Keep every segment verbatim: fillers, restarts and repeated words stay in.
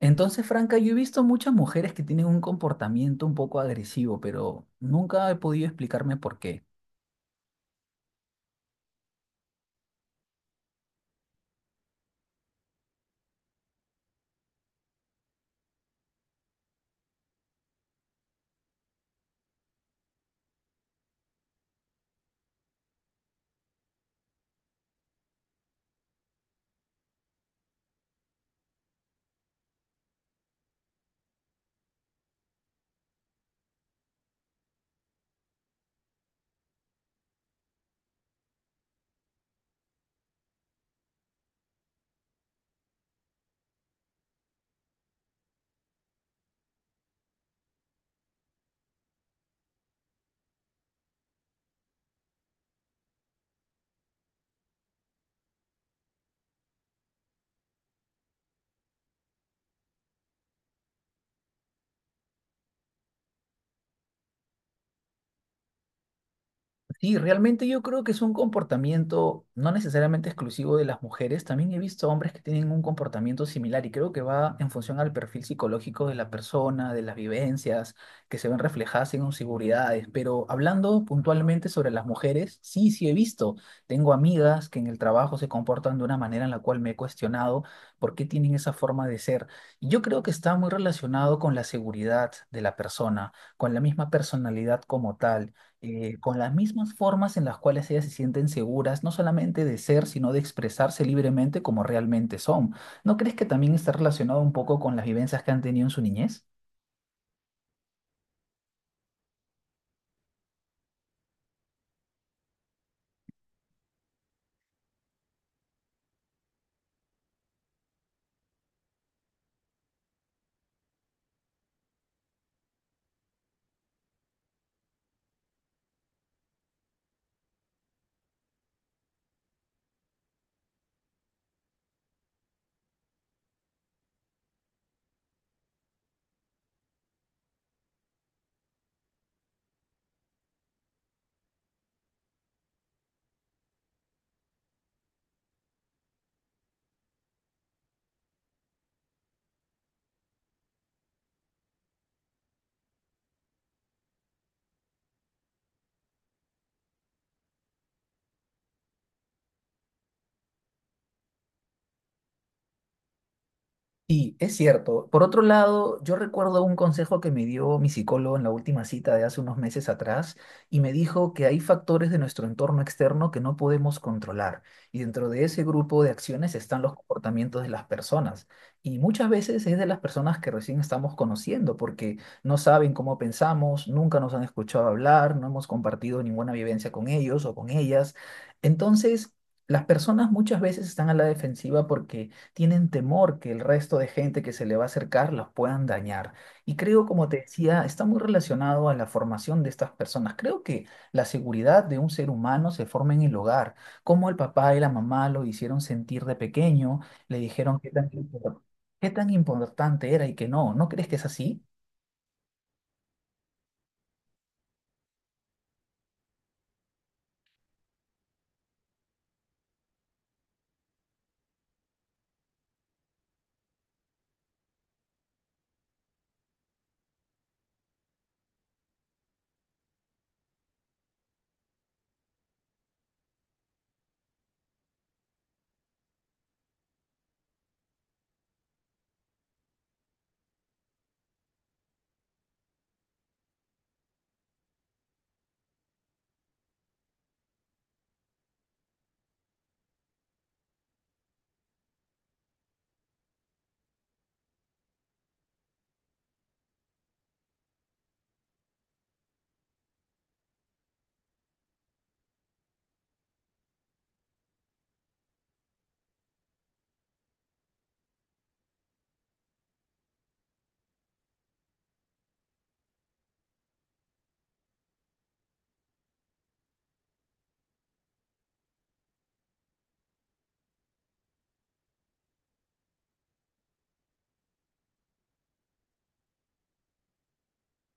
Entonces, Franca, yo he visto muchas mujeres que tienen un comportamiento un poco agresivo, pero nunca he podido explicarme por qué. Sí, realmente yo creo que es un comportamiento no necesariamente exclusivo de las mujeres. También he visto hombres que tienen un comportamiento similar y creo que va en función al perfil psicológico de la persona, de las vivencias que se ven reflejadas en inseguridades. Pero hablando puntualmente sobre las mujeres, sí, sí he visto. Tengo amigas que en el trabajo se comportan de una manera en la cual me he cuestionado por qué tienen esa forma de ser. Y yo creo que está muy relacionado con la seguridad de la persona, con la misma personalidad como tal, eh, con las mismas formas en las cuales ellas se sienten seguras, no solamente de ser, sino de expresarse libremente como realmente son. ¿No crees que también está relacionado un poco con las vivencias que han tenido en su niñez? Sí, es cierto. Por otro lado, yo recuerdo un consejo que me dio mi psicólogo en la última cita de hace unos meses atrás y me dijo que hay factores de nuestro entorno externo que no podemos controlar, y dentro de ese grupo de acciones están los comportamientos de las personas, y muchas veces es de las personas que recién estamos conociendo porque no saben cómo pensamos, nunca nos han escuchado hablar, no hemos compartido ninguna vivencia con ellos o con ellas. Entonces, las personas muchas veces están a la defensiva porque tienen temor que el resto de gente que se le va a acercar los puedan dañar. Y creo, como te decía, está muy relacionado a la formación de estas personas. Creo que la seguridad de un ser humano se forma en el hogar, como el papá y la mamá lo hicieron sentir de pequeño, le dijeron qué tan, impor- qué tan importante era y que no. ¿No crees que es así?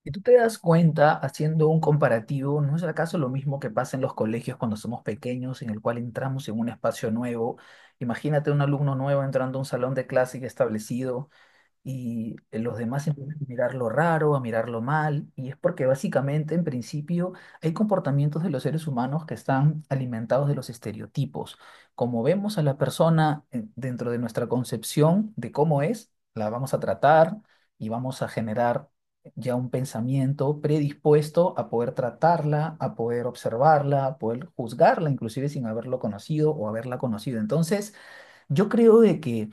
Si tú te das cuenta, haciendo un comparativo, ¿no es acaso lo mismo que pasa en los colegios cuando somos pequeños, en el cual entramos en un espacio nuevo? Imagínate un alumno nuevo entrando a un salón de clase ya establecido y eh, los demás empiezan a mirarlo raro, a mirarlo mal, y es porque básicamente, en principio, hay comportamientos de los seres humanos que están alimentados de los estereotipos. Como vemos a la persona, eh, dentro de nuestra concepción de cómo es, la vamos a tratar y vamos a generar ya un pensamiento predispuesto a poder tratarla, a poder observarla, a poder juzgarla, inclusive sin haberlo conocido o haberla conocido. Entonces, yo creo de que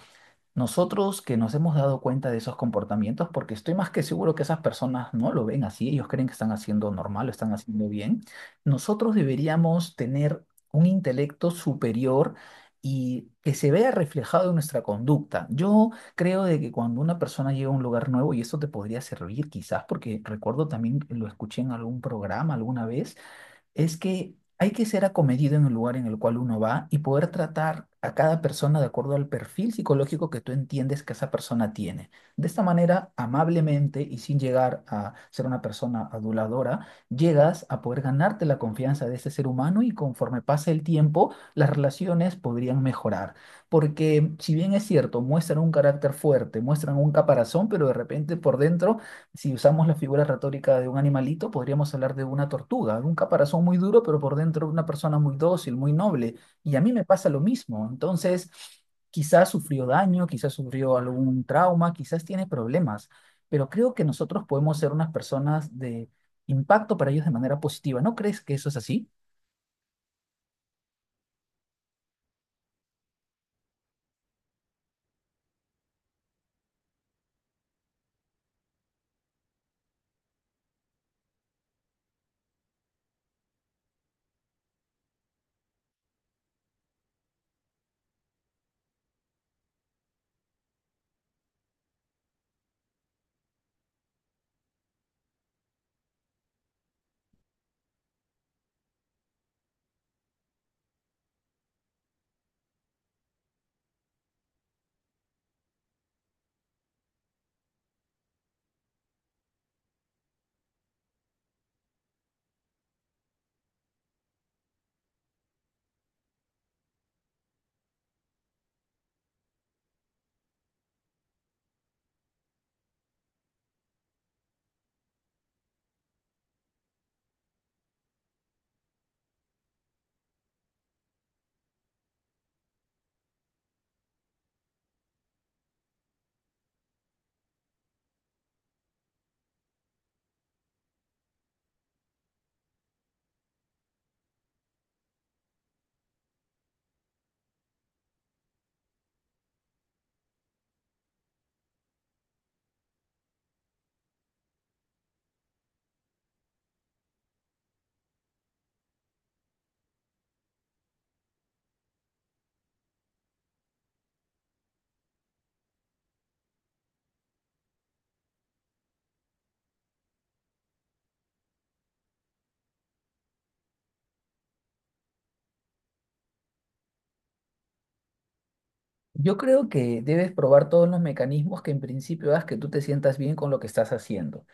nosotros, que nos hemos dado cuenta de esos comportamientos, porque estoy más que seguro que esas personas no lo ven así, ellos creen que están haciendo normal, lo están haciendo bien, nosotros deberíamos tener un intelecto superior y que se vea reflejado en nuestra conducta. Yo creo de que cuando una persona llega a un lugar nuevo, y esto te podría servir quizás, porque recuerdo también, lo escuché en algún programa alguna vez, es que hay que ser acomedido en el lugar en el cual uno va y poder tratar a cada persona de acuerdo al perfil psicológico que tú entiendes que esa persona tiene. De esta manera, amablemente y sin llegar a ser una persona aduladora, llegas a poder ganarte la confianza de ese ser humano y, conforme pasa el tiempo, las relaciones podrían mejorar. Porque si bien es cierto, muestran un carácter fuerte, muestran un caparazón, pero de repente por dentro, si usamos la figura retórica de un animalito, podríamos hablar de una tortuga, un caparazón muy duro, pero por dentro una persona muy dócil, muy noble. Y a mí me pasa lo mismo. Entonces, quizás sufrió daño, quizás sufrió algún trauma, quizás tiene problemas, pero creo que nosotros podemos ser unas personas de impacto para ellos de manera positiva. ¿No crees que eso es así? Yo creo que debes probar todos los mecanismos que en principio hagas que tú te sientas bien con lo que estás haciendo.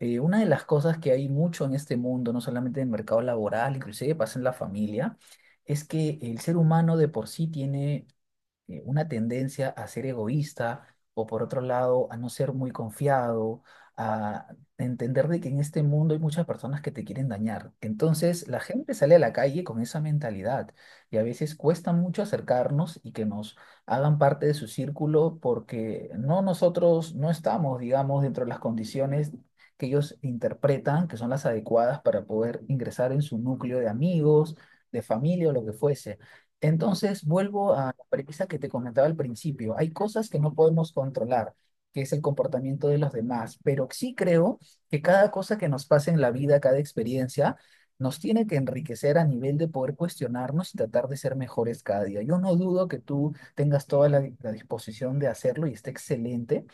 Eh, una de las cosas que hay mucho en este mundo, no solamente en el mercado laboral, inclusive pasa en la familia, es que el ser humano de por sí tiene eh, una tendencia a ser egoísta, o por otro lado a no ser muy confiado, a entender de que en este mundo hay muchas personas que te quieren dañar. Entonces la gente sale a la calle con esa mentalidad y a veces cuesta mucho acercarnos y que nos hagan parte de su círculo porque no, nosotros no estamos, digamos, dentro de las condiciones que ellos interpretan que son las adecuadas para poder ingresar en su núcleo de amigos, de familia o lo que fuese. Entonces vuelvo a premisa que te comentaba al principio. Hay cosas que no podemos controlar, que es el comportamiento de los demás, pero sí creo que cada cosa que nos pasa en la vida, cada experiencia, nos tiene que enriquecer a nivel de poder cuestionarnos y tratar de ser mejores cada día. Yo no dudo que tú tengas toda la, la disposición de hacerlo y esté excelente.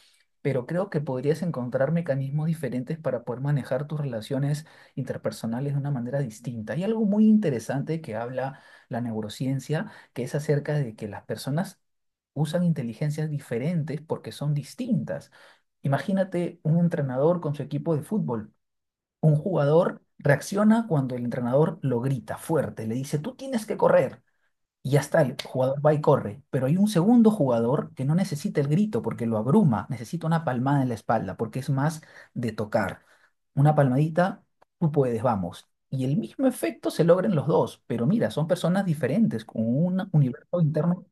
Pero creo que podrías encontrar mecanismos diferentes para poder manejar tus relaciones interpersonales de una manera distinta. Hay algo muy interesante que habla la neurociencia, que es acerca de que las personas usan inteligencias diferentes porque son distintas. Imagínate un entrenador con su equipo de fútbol. Un jugador reacciona cuando el entrenador lo grita fuerte, le dice, tú tienes que correr y ya está, el jugador va y corre, pero hay un segundo jugador que no necesita el grito porque lo abruma, necesita una palmada en la espalda porque es más de tocar. Una palmadita, tú puedes, vamos. Y el mismo efecto se logra en los dos, pero mira, son personas diferentes, con un universo interno.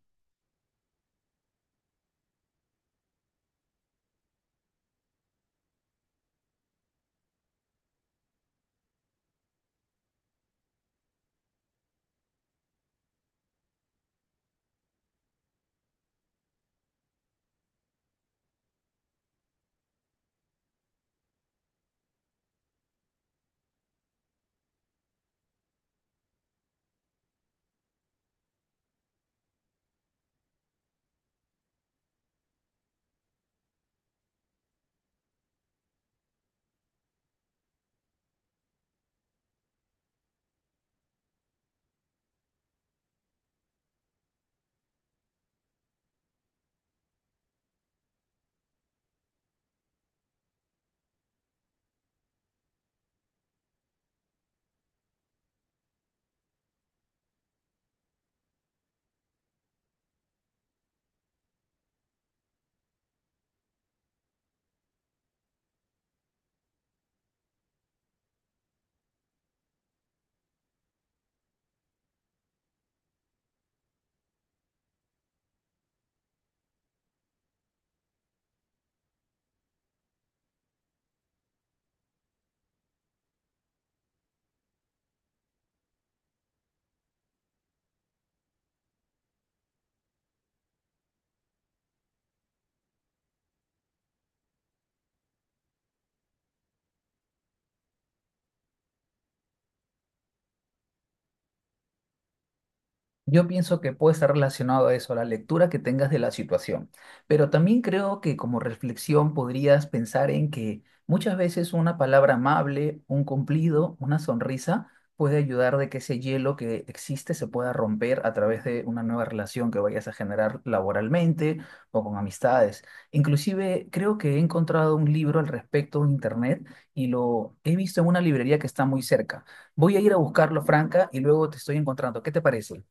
Yo pienso que puede estar relacionado a eso, a la lectura que tengas de la situación. Pero también creo que como reflexión podrías pensar en que muchas veces una palabra amable, un cumplido, una sonrisa puede ayudar de que ese hielo que existe se pueda romper a través de una nueva relación que vayas a generar laboralmente o con amistades. Inclusive creo que he encontrado un libro al respecto en internet y lo he visto en una librería que está muy cerca. Voy a ir a buscarlo, Franca, y luego te estoy encontrando. ¿Qué te parece?